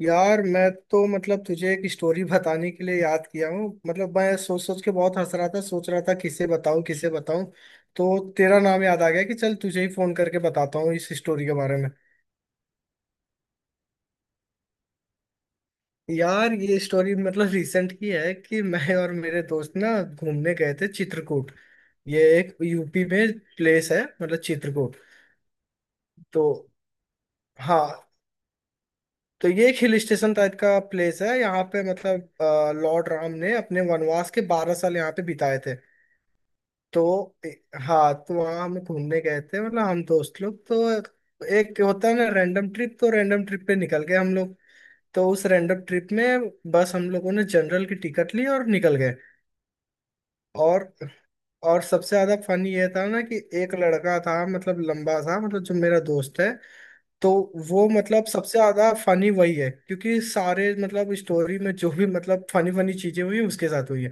यार मैं तो मतलब तुझे एक स्टोरी बताने के लिए याद किया हूँ। मतलब मैं सोच सोच के बहुत हंस रहा था, सोच रहा था किसे बताऊँ किसे बताऊँ। तो तेरा नाम याद आ गया कि चल तुझे ही फोन करके बताता हूँ इस स्टोरी के बारे में। यार ये स्टोरी मतलब रिसेंट की है कि मैं और मेरे दोस्त ना घूमने गए थे चित्रकूट। ये एक यूपी में प्लेस है मतलब चित्रकूट। तो हाँ, तो ये एक हिल स्टेशन टाइप का प्लेस है, यहाँ पे मतलब लॉर्ड राम ने अपने वनवास के 12 साल यहाँ पे बिताए थे। तो ए- हाँ, तो वहाँ हम घूमने गए थे मतलब हम दोस्त लोग। तो एक होता है ना रैंडम ट्रिप, तो रैंडम ट्रिप पे निकल गए हम लोग। तो उस रैंडम ट्रिप में बस हम लोगों ने जनरल की टिकट ली और निकल गए। और और सबसे ज्यादा फन ये था ना कि एक लड़का था, मतलब लंबा था मतलब, जो मेरा दोस्त है। तो वो मतलब सबसे ज्यादा फनी वही है क्योंकि सारे मतलब स्टोरी में जो भी मतलब फनी फनी चीजें हुई उसके साथ हुई है।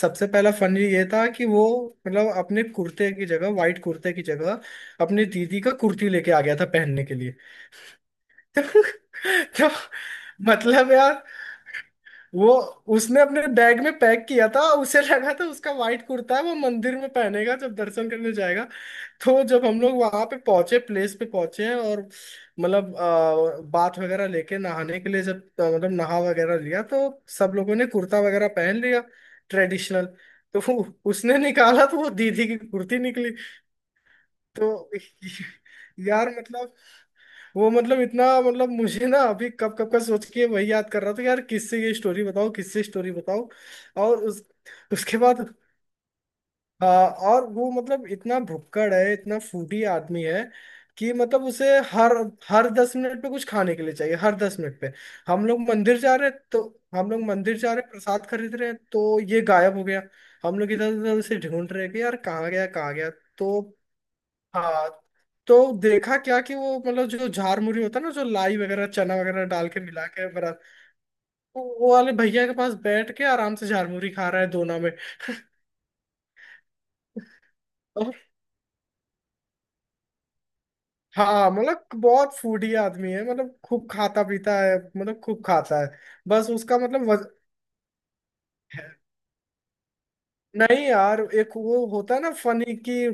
सबसे पहला फनी ये था कि वो मतलब अपने कुर्ते की जगह, वाइट कुर्ते की जगह, अपनी दीदी का कुर्ती लेके आ गया था पहनने के लिए। तो मतलब यार वो, उसने अपने बैग में पैक किया था, उसे लगा था उसका वाइट कुर्ता है, वो मंदिर में पहनेगा जब दर्शन करने जाएगा। तो जब हम लोग वहां पे पहुंचे, प्लेस पे पहुंचे हैं, और मतलब बाथ वगैरह लेके नहाने के लिए जब मतलब नहा वगैरह लिया, तो सब लोगों ने कुर्ता वगैरह पहन लिया, ट्रेडिशनल। तो उसने निकाला तो वो दीदी की कुर्ती निकली। तो यार मतलब वो मतलब इतना, मतलब मुझे ना अभी कब कब का सोच के वही याद कर रहा था, यार किससे ये स्टोरी बताओ किससे स्टोरी बताओ। और उस उसके बाद हाँ, और वो मतलब इतना भुक्कड़ है, इतना फूटी आदमी है, कि मतलब उसे हर हर 10 मिनट पे कुछ खाने के लिए चाहिए, हर 10 मिनट पे। हम लोग मंदिर जा रहे हैं, तो हम लोग मंदिर जा रहे हैं, प्रसाद खरीद रहे हैं तो ये गायब हो गया। हम लोग इधर उधर उसे ढूंढ रहे हैं कि यार कहाँ गया कहाँ गया। तो हाँ, तो देखा क्या कि वो मतलब जो झार मुरी होता है ना, जो लाई वगैरह चना वगैरह डाल के मिला के बना, वो वाले भैया के पास बैठ के आराम से झार मुरी खा रहा है दोना में। हाँ, मतलब बहुत फूडी आदमी है, मतलब खूब खाता पीता है, मतलब खूब खाता है। बस उसका मतलब नहीं यार, एक वो होता है ना फनी कि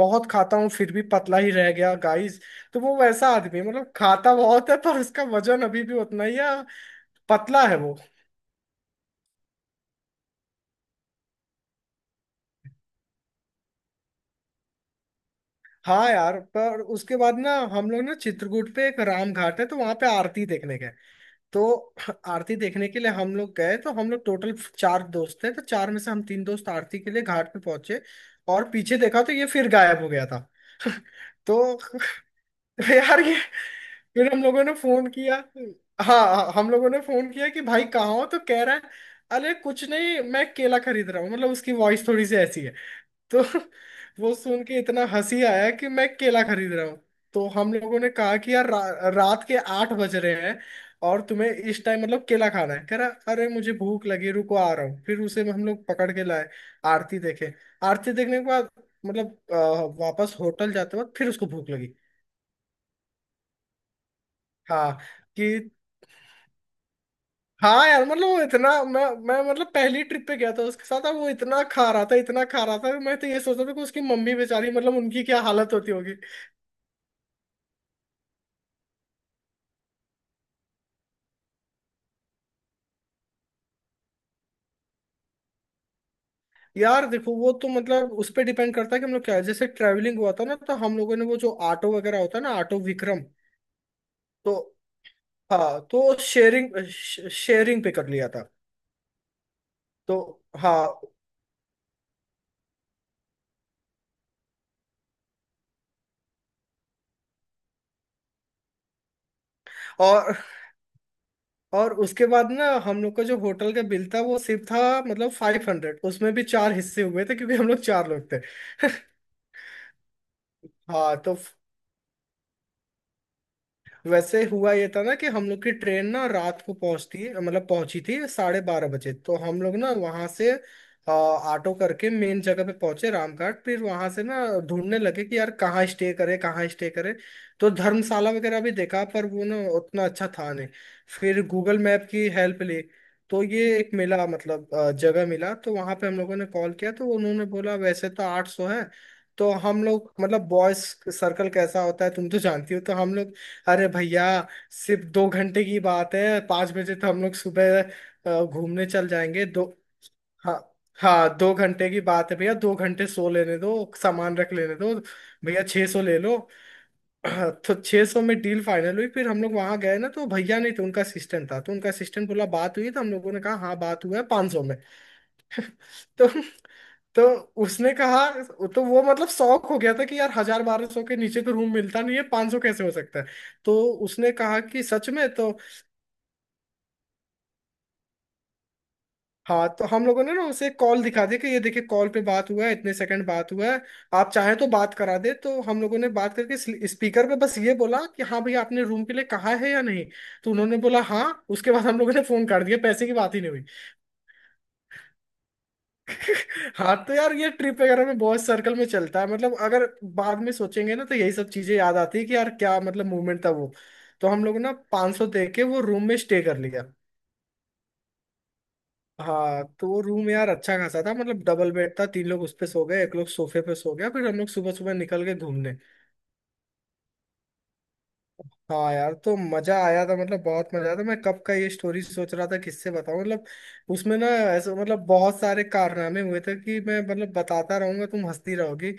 बहुत खाता हूँ फिर भी पतला ही रह गया गाइस। तो वो वैसा आदमी है, मतलब खाता बहुत है पर उसका वजन अभी भी उतना ही है, पतला है वो। हाँ यार, पर उसके बाद ना हम लोग ना चित्रकूट पे एक राम घाट है, तो वहां पे आरती देखने गए। तो आरती देखने के लिए हम लोग गए, तो हम लोग टोटल चार दोस्त थे, तो चार में से हम तीन दोस्त आरती के लिए घाट पे पहुंचे। और पीछे देखा तो ये फिर गायब हो गया था। तो यार ये, फिर हम लोगों ने फोन किया। हाँ हाँ, हम लोगों ने फोन किया कि भाई कहाँ हो, तो कह रहा है अरे कुछ नहीं मैं केला खरीद रहा हूँ। मतलब उसकी वॉइस थोड़ी सी ऐसी है। तो वो सुन के इतना हंसी आया कि मैं केला खरीद रहा हूँ। तो हम लोगों ने कहा कि यार रात के 8 बज रहे हैं और तुम्हें इस टाइम मतलब केला खाना है। कह रहा अरे मुझे भूख लगी, रुको आ रहा हूँ। फिर उसे हम लोग पकड़ के लाए। आरती देखे। आरती देखने के बाद मतलब वापस होटल जाते वक्त फिर उसको भूख लगी। हाँ, कि हाँ यार, मतलब वो इतना, मैं मतलब पहली ट्रिप पे गया था उसके साथ, अब वो इतना खा रहा था, इतना खा रहा था। मैं तो ये सोच रहा था कि उसकी मम्मी बेचारी, मतलब उनकी क्या हालत होती होगी। यार देखो वो तो मतलब उस पर डिपेंड करता है कि हम लोग क्या है, जैसे ट्रैवलिंग हुआ था ना, तो हम लोगों ने वो जो ऑटो वगैरह होता है ना, ऑटो विक्रम। तो हाँ, तो शेयरिंग शेयरिंग पे कर लिया था। तो हाँ। और और उसके बाद ना हम लोग का जो होटल का बिल था वो सिर्फ था, मतलब 500। उसमें भी चार हिस्से हुए थे क्योंकि हम लोग चार लोग थे। हाँ, तो वैसे हुआ ये था ना कि हम लोग की ट्रेन ना रात को पहुंचती, मतलब पहुंची थी 12:30 बजे। तो हम लोग ना वहां से ऑटो करके मेन जगह पे पहुंचे, रामघाट, फिर वहां से ना ढूंढने लगे कि यार कहाँ स्टे करे कहाँ स्टे करे। तो धर्मशाला वगैरह भी देखा पर वो ना उतना अच्छा था नहीं। फिर गूगल मैप की हेल्प ली। तो ये एक मिला, मतलब जगह मिला, तो वहां पे हम लोगों ने कॉल किया, तो उन्होंने बोला वैसे तो 800 है। तो हम लोग मतलब बॉयज सर्कल कैसा होता है तुम तो जानती हो, तो हम लोग, अरे भैया सिर्फ 2 घंटे की बात है, 5 बजे तो हम लोग सुबह घूमने चल जाएंगे। दो हाँ हाँ, 2 घंटे की बात है भैया, 2 घंटे सो लेने दो, सामान रख लेने दो, भैया 600 ले लो। हाँ, तो 600 में डील फाइनल हुई, फिर हम लोग वहां गए ना तो भैया नहीं थे, उनका असिस्टेंट था, तो उनका असिस्टेंट बोला बात हुई, तो हम लोगों ने कहा हाँ बात हुआ है 500 में। तो तो उसने कहा, तो वो मतलब शौक हो गया था कि यार 1000 1200 के नीचे तो रूम मिलता नहीं है, 500 कैसे हो सकता है। तो उसने कहा कि सच में। तो हाँ, तो हम लोगों ने ना उसे कॉल दिखा दी कि ये देखिए कॉल पे बात हुआ है, इतने सेकंड बात हुआ है, आप चाहें तो बात करा दे। तो हम लोगों ने बात करके स्पीकर पे बस ये बोला कि हाँ भैया आपने रूम के लिए कहा है या नहीं। तो उन्होंने बोला हाँ, उसके बाद हम लोगों ने फोन कर दिया, पैसे की बात ही नहीं हुई। हाँ, तो यार ये ट्रिप वगैरह में बहुत सर्कल में चलता है, मतलब अगर बाद में सोचेंगे ना तो यही सब चीजें याद आती है कि यार क्या मतलब मूवमेंट था वो। तो हम लोगों ने 500 दे के वो रूम में स्टे कर लिया। हाँ, तो वो रूम यार अच्छा खासा था, मतलब डबल बेड था, तीन लोग उस पे सो गए, एक लोग सोफे पे सो गया, फिर हम लोग सुबह सुबह निकल गए घूमने। हाँ यार, तो मजा आया था, मतलब बहुत मजा आया था, मैं कब का ये स्टोरी सोच रहा था किससे बताऊं, मतलब उसमें ना ऐसे मतलब बहुत सारे कारनामे हुए थे कि मैं मतलब बताता रहूंगा, तुम हंसती रहोगी।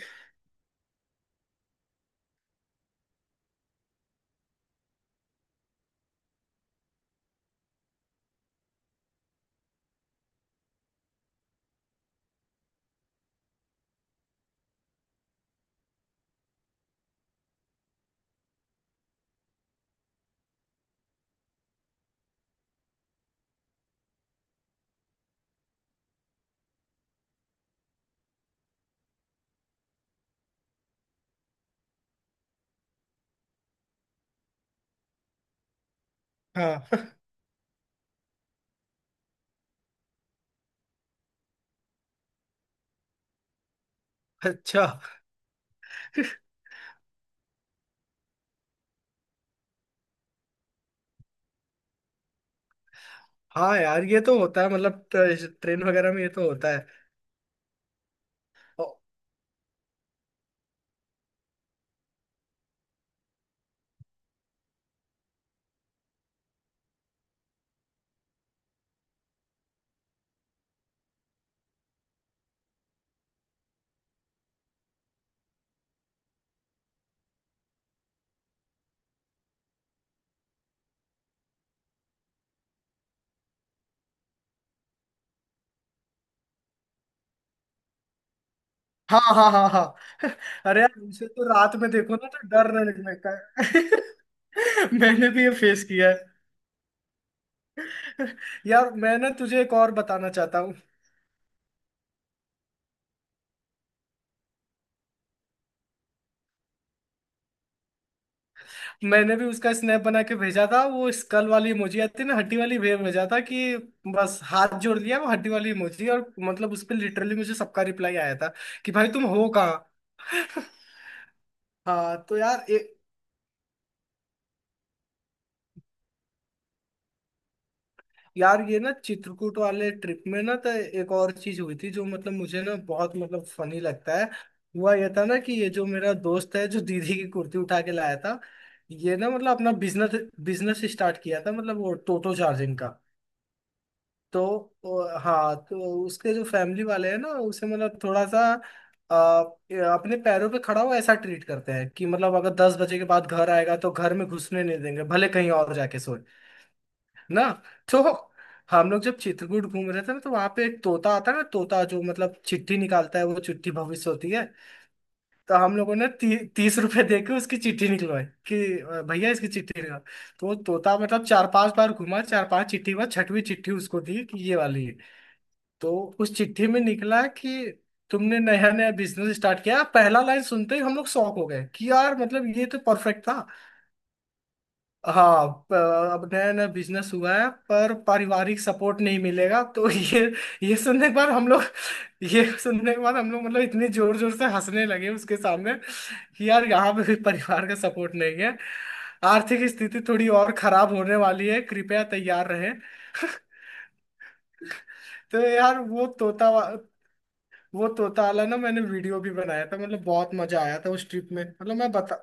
हाँ। अच्छा, हाँ यार ये तो होता है, मतलब ट्रेन वगैरह में ये तो होता है। हाँ हाँ हाँ हाँ। अरे यार उसे तो रात में देखो ना तो डर लगने का है। मैंने भी ये फेस किया है। यार मैं ना तुझे एक और बताना चाहता हूँ। मैंने भी उसका स्नैप बना के भेजा था, वो स्कल वाली इमोजी आती है ना, हड्डी वाली भेज भेजा था कि बस हाथ जोड़ लिया, वो हड्डी वाली इमोजी, और मतलब उस पर लिटरली मुझे सबका रिप्लाई आया था कि भाई तुम हो कहाँ। हाँ, तो यार, यार ये ना चित्रकूट वाले ट्रिप में ना तो एक और चीज हुई थी जो मतलब मुझे ना बहुत मतलब फनी लगता है। हुआ ये था ना कि ये जो मेरा दोस्त है जो दीदी की कुर्ती उठा के लाया था, ये ना मतलब अपना बिजनेस बिजनेस स्टार्ट किया था, मतलब वो टोटो चार्जिंग का। तो हाँ, तो उसके जो फैमिली वाले हैं ना, उसे मतलब थोड़ा सा आ, अपने पैरों पे खड़ा हो ऐसा ट्रीट करते हैं, कि मतलब अगर 10 बजे के बाद घर आएगा तो घर में घुसने नहीं देंगे, भले कहीं और जाके सोए ना। तो हम लोग जब चित्रकूट घूम रहे थे ना, तो वहां पे एक तोता आता है ना, तोता जो मतलब चिट्ठी निकालता है, वो चिट्ठी भविष्य होती है। तो हम लोगों ने 30 रुपए दे के उसकी चिट्ठी निकलवाई कि भैया इसकी चिट्ठी निकाल। तो वो तोता मतलब चार पांच बार घुमा, चार पांच चिट्ठी के बाद छठवीं चिट्ठी उसको दी कि ये वाली है। तो उस चिट्ठी में निकला कि तुमने नया नया बिजनेस स्टार्ट किया, पहला लाइन सुनते ही हम लोग शॉक हो गए कि यार मतलब ये तो परफेक्ट था। हाँ, अब नया नया बिजनेस हुआ है पर पारिवारिक सपोर्ट नहीं मिलेगा तो। ये सुनने के बाद हम लोग ये सुनने के बाद हम लोग मतलब इतने जोर जोर से हंसने लगे उसके सामने, कि यार यहाँ पे भी परिवार का सपोर्ट नहीं है। आर्थिक स्थिति थोड़ी और खराब होने वाली है, कृपया तैयार रहें। तो यार वो तोता वाला ना, मैंने वीडियो भी बनाया था, मतलब बहुत मजा आया था उस ट्रिप में मतलब मैं बता।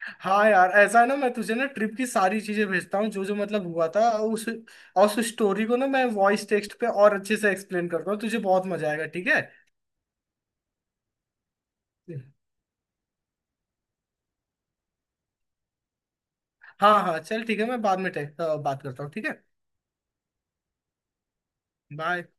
हाँ यार, ऐसा है ना, मैं तुझे ना ट्रिप की सारी चीजें भेजता हूँ जो जो मतलब हुआ था, उस, और उस स्टोरी को ना मैं वॉइस टेक्स्ट पे और अच्छे से एक्सप्लेन करता हूँ, तुझे बहुत मजा आएगा, ठीक है। हाँ हाँ, चल ठीक है, मैं बाद में बात करता हूँ, ठीक है, बाय।